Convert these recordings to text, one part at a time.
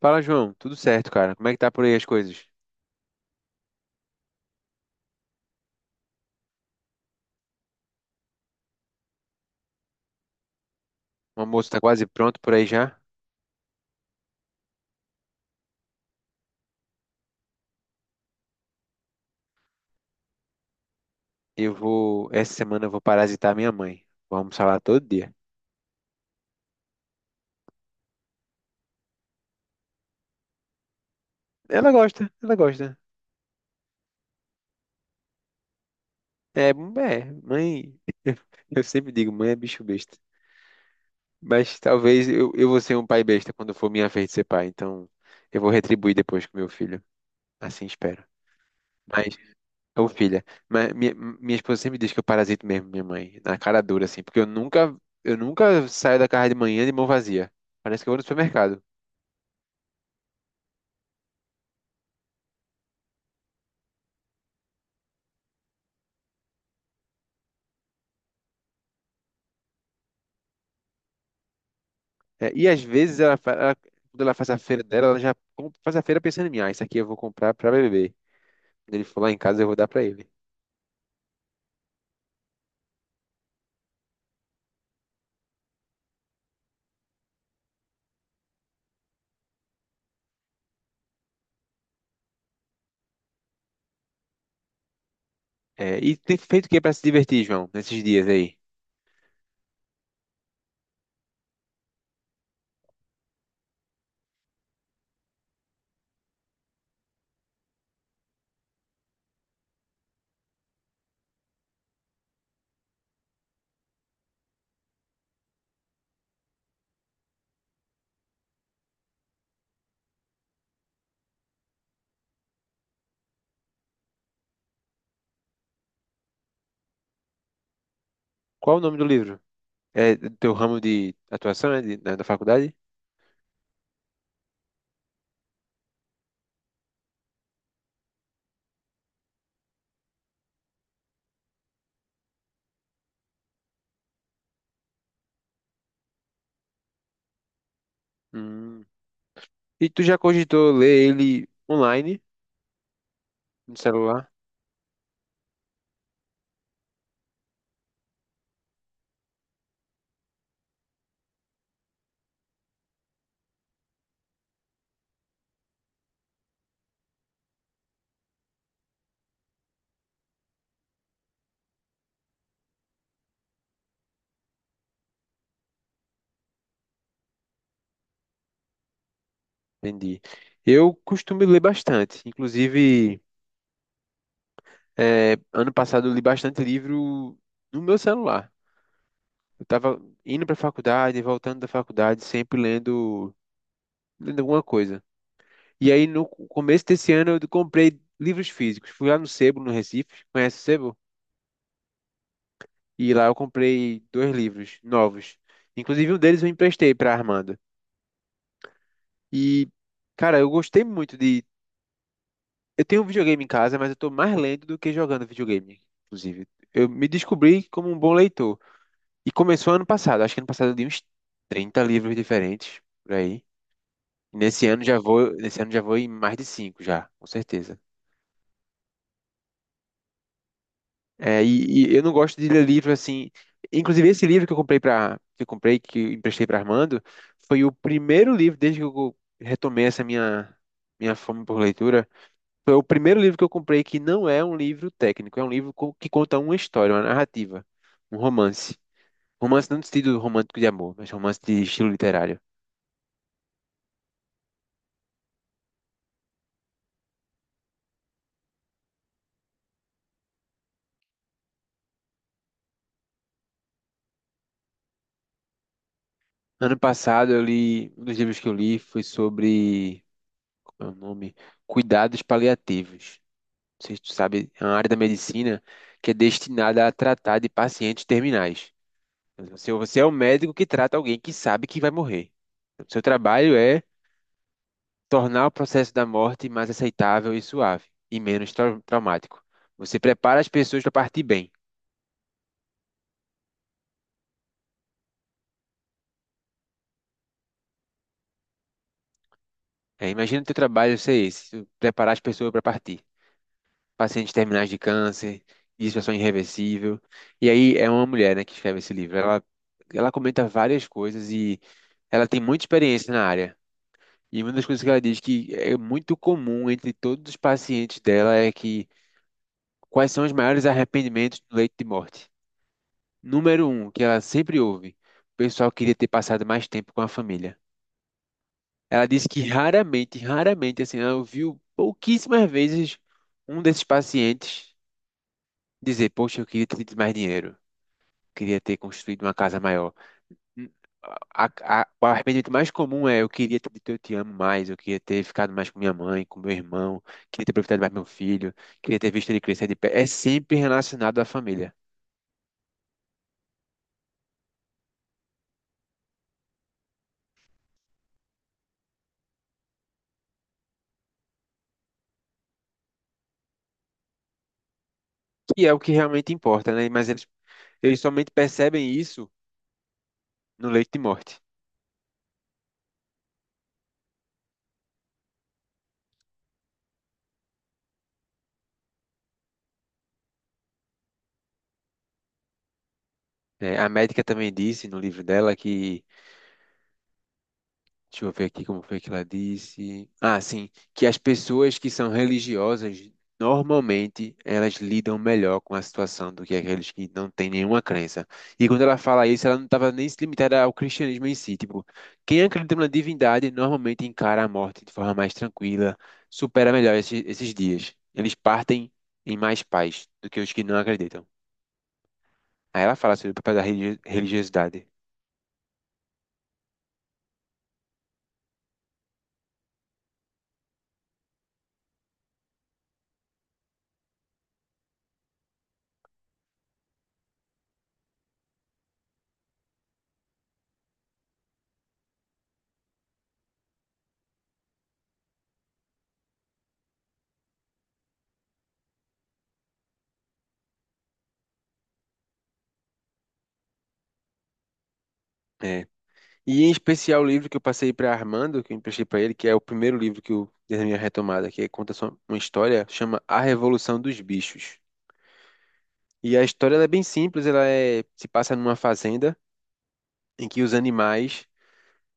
Fala, João. Tudo certo, cara? Como é que tá por aí as coisas? O almoço tá quase pronto por aí já. Eu vou. Essa semana eu vou parasitar minha mãe. Vou almoçar lá todo dia. Ela gosta, ela gosta. É, é, mãe. Eu sempre digo, mãe é bicho besta. Mas talvez eu vou ser um pai besta quando for minha vez de ser pai. Então eu vou retribuir depois com meu filho. Assim espero. Mas, ô filha, mas minha esposa sempre diz que eu parasito mesmo minha mãe. Na cara dura, assim. Porque eu nunca saio da casa de manhã de mão vazia. Parece que eu vou no supermercado. É, e às vezes quando ela faz a feira dela, faz a feira pensando em mim. Ah, isso aqui eu vou comprar para beber. Quando ele for lá em casa, eu vou dar para ele. É, e tem feito o que para se divertir, João, nesses dias aí? Qual o nome do livro? É do teu ramo de atuação, né, da, da faculdade? Hum. E tu já cogitou ler ele online, no celular? Entendi. Eu costumo ler bastante. Inclusive, é, ano passado eu li bastante livro no meu celular. Eu tava indo pra faculdade, voltando da faculdade, sempre lendo, lendo alguma coisa. E aí, no começo desse ano, eu comprei livros físicos. Fui lá no Sebo, no Recife. Conhece o Sebo? E lá eu comprei dois livros novos. Inclusive, um deles eu emprestei pra Armando. E, cara, eu gostei muito de. Eu tenho um videogame em casa, mas eu tô mais lendo do que jogando videogame, inclusive. Eu me descobri como um bom leitor. E começou ano passado. Acho que ano passado eu li uns 30 livros diferentes, por aí. Nesse ano já vou em mais de cinco já, com certeza. É, e eu não gosto de ler livro assim. Inclusive esse livro que eu comprei que eu emprestei para Armando, foi o primeiro livro desde que eu retomei essa minha fome por leitura. Foi o primeiro livro que eu comprei que não é um livro técnico, é um livro que conta uma história, uma narrativa, um romance. Romance não no sentido romântico de amor, mas romance de estilo literário. Ano passado eu li, um dos livros que eu li foi sobre é o nome, cuidados paliativos. Não sei sabe, é uma área da medicina que é destinada a tratar de pacientes terminais. Você é o médico que trata alguém que sabe que vai morrer. O seu trabalho é tornar o processo da morte mais aceitável e suave, e menos traumático. Você prepara as pessoas para partir bem. É, imagina o teu trabalho ser esse, preparar as pessoas para partir. Pacientes terminais de câncer, de situação irreversível. E aí é uma mulher, né, que escreve esse livro. Ela comenta várias coisas e ela tem muita experiência na área. E uma das coisas que ela diz que é muito comum entre todos os pacientes dela é que quais são os maiores arrependimentos no leito de morte? Número um, que ela sempre ouve, o pessoal queria ter passado mais tempo com a família. Ela disse que raramente, raramente, assim, ela ouviu pouquíssimas vezes um desses pacientes dizer, poxa, eu queria ter tido mais dinheiro. Queria ter construído uma casa maior. Hum, a- o arrependimento mais comum é eu queria ter dito eu te amo mais, eu queria ter ficado mais com minha mãe, com meu irmão, queria ter aproveitado mais meu filho, queria ter visto ele crescer de pé. É sempre relacionado à família, que é o que realmente importa, né? Mas eles somente percebem isso no leito de morte. Né? A médica também disse no livro dela que deixa eu ver aqui como foi que ela disse. Ah, sim, que as pessoas que são religiosas, normalmente, elas lidam melhor com a situação do que aqueles que não têm nenhuma crença. E quando ela fala isso, ela não estava nem se limitada ao cristianismo em si. Tipo, quem acredita na divindade normalmente encara a morte de forma mais tranquila, supera melhor esses dias. Eles partem em mais paz do que os que não acreditam. Aí ela fala sobre o papel da religiosidade. É, e em especial o livro que eu passei para Armando, que eu emprestei para ele, que é o primeiro livro que eu dei a minha retomada, que conta só uma história, chama A Revolução dos Bichos. E a história ela é bem simples, ela é, se passa numa fazenda em que os animais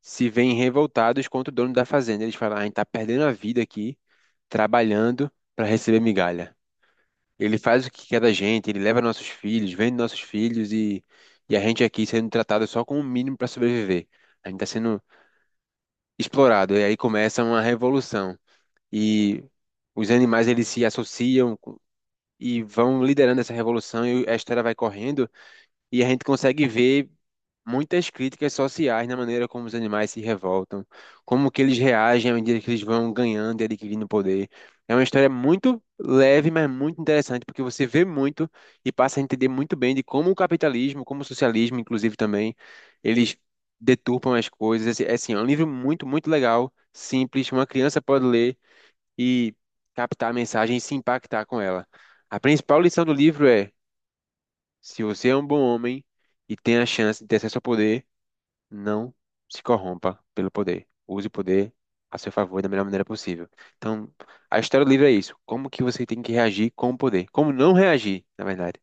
se veem revoltados contra o dono da fazenda. Eles falam, ah, a gente tá perdendo a vida aqui, trabalhando para receber migalha. Ele faz o que quer da gente, ele leva nossos filhos, vende nossos filhos e a gente aqui sendo tratado só com o mínimo para sobreviver. A gente está sendo explorado. E aí começa uma revolução. E os animais eles se associam co- e vão liderando essa revolução e a história vai correndo e a gente consegue ver muitas críticas sociais na maneira como os animais se revoltam, como que eles reagem à medida que eles vão ganhando e adquirindo poder. É uma história muito leve, mas muito interessante, porque você vê muito e passa a entender muito bem de como o capitalismo, como o socialismo, inclusive também, eles deturpam as coisas. Assim, é um livro muito, muito legal, simples, uma criança pode ler e captar a mensagem e se impactar com ela. A principal lição do livro é: se você é um bom homem e tem a chance de ter acesso ao poder, não se corrompa pelo poder. Use o poder a seu favor da melhor maneira possível. Então, a história do livro é isso. Como que você tem que reagir com o poder? Como não reagir, na verdade.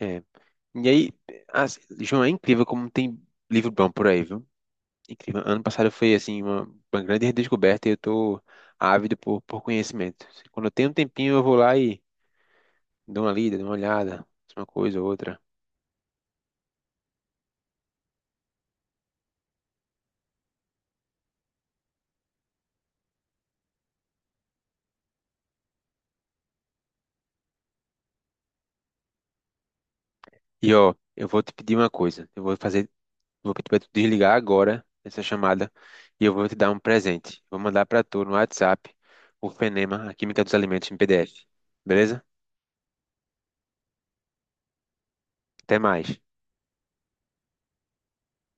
É. E aí, João, é incrível como tem livro bom por aí, viu? Incrível. Ano passado foi, assim, uma grande redescoberta e eu tô ávido por conhecimento. Quando eu tenho um tempinho, eu vou lá e dou uma lida, dou uma olhada, uma coisa ou outra. E, ó, eu vou te pedir uma coisa. Eu vou fazer. Vou pedir para tu desligar agora essa chamada e eu vou te dar um presente. Vou mandar para tu no WhatsApp o Fenema, a Química dos Alimentos em PDF. Beleza? Até mais.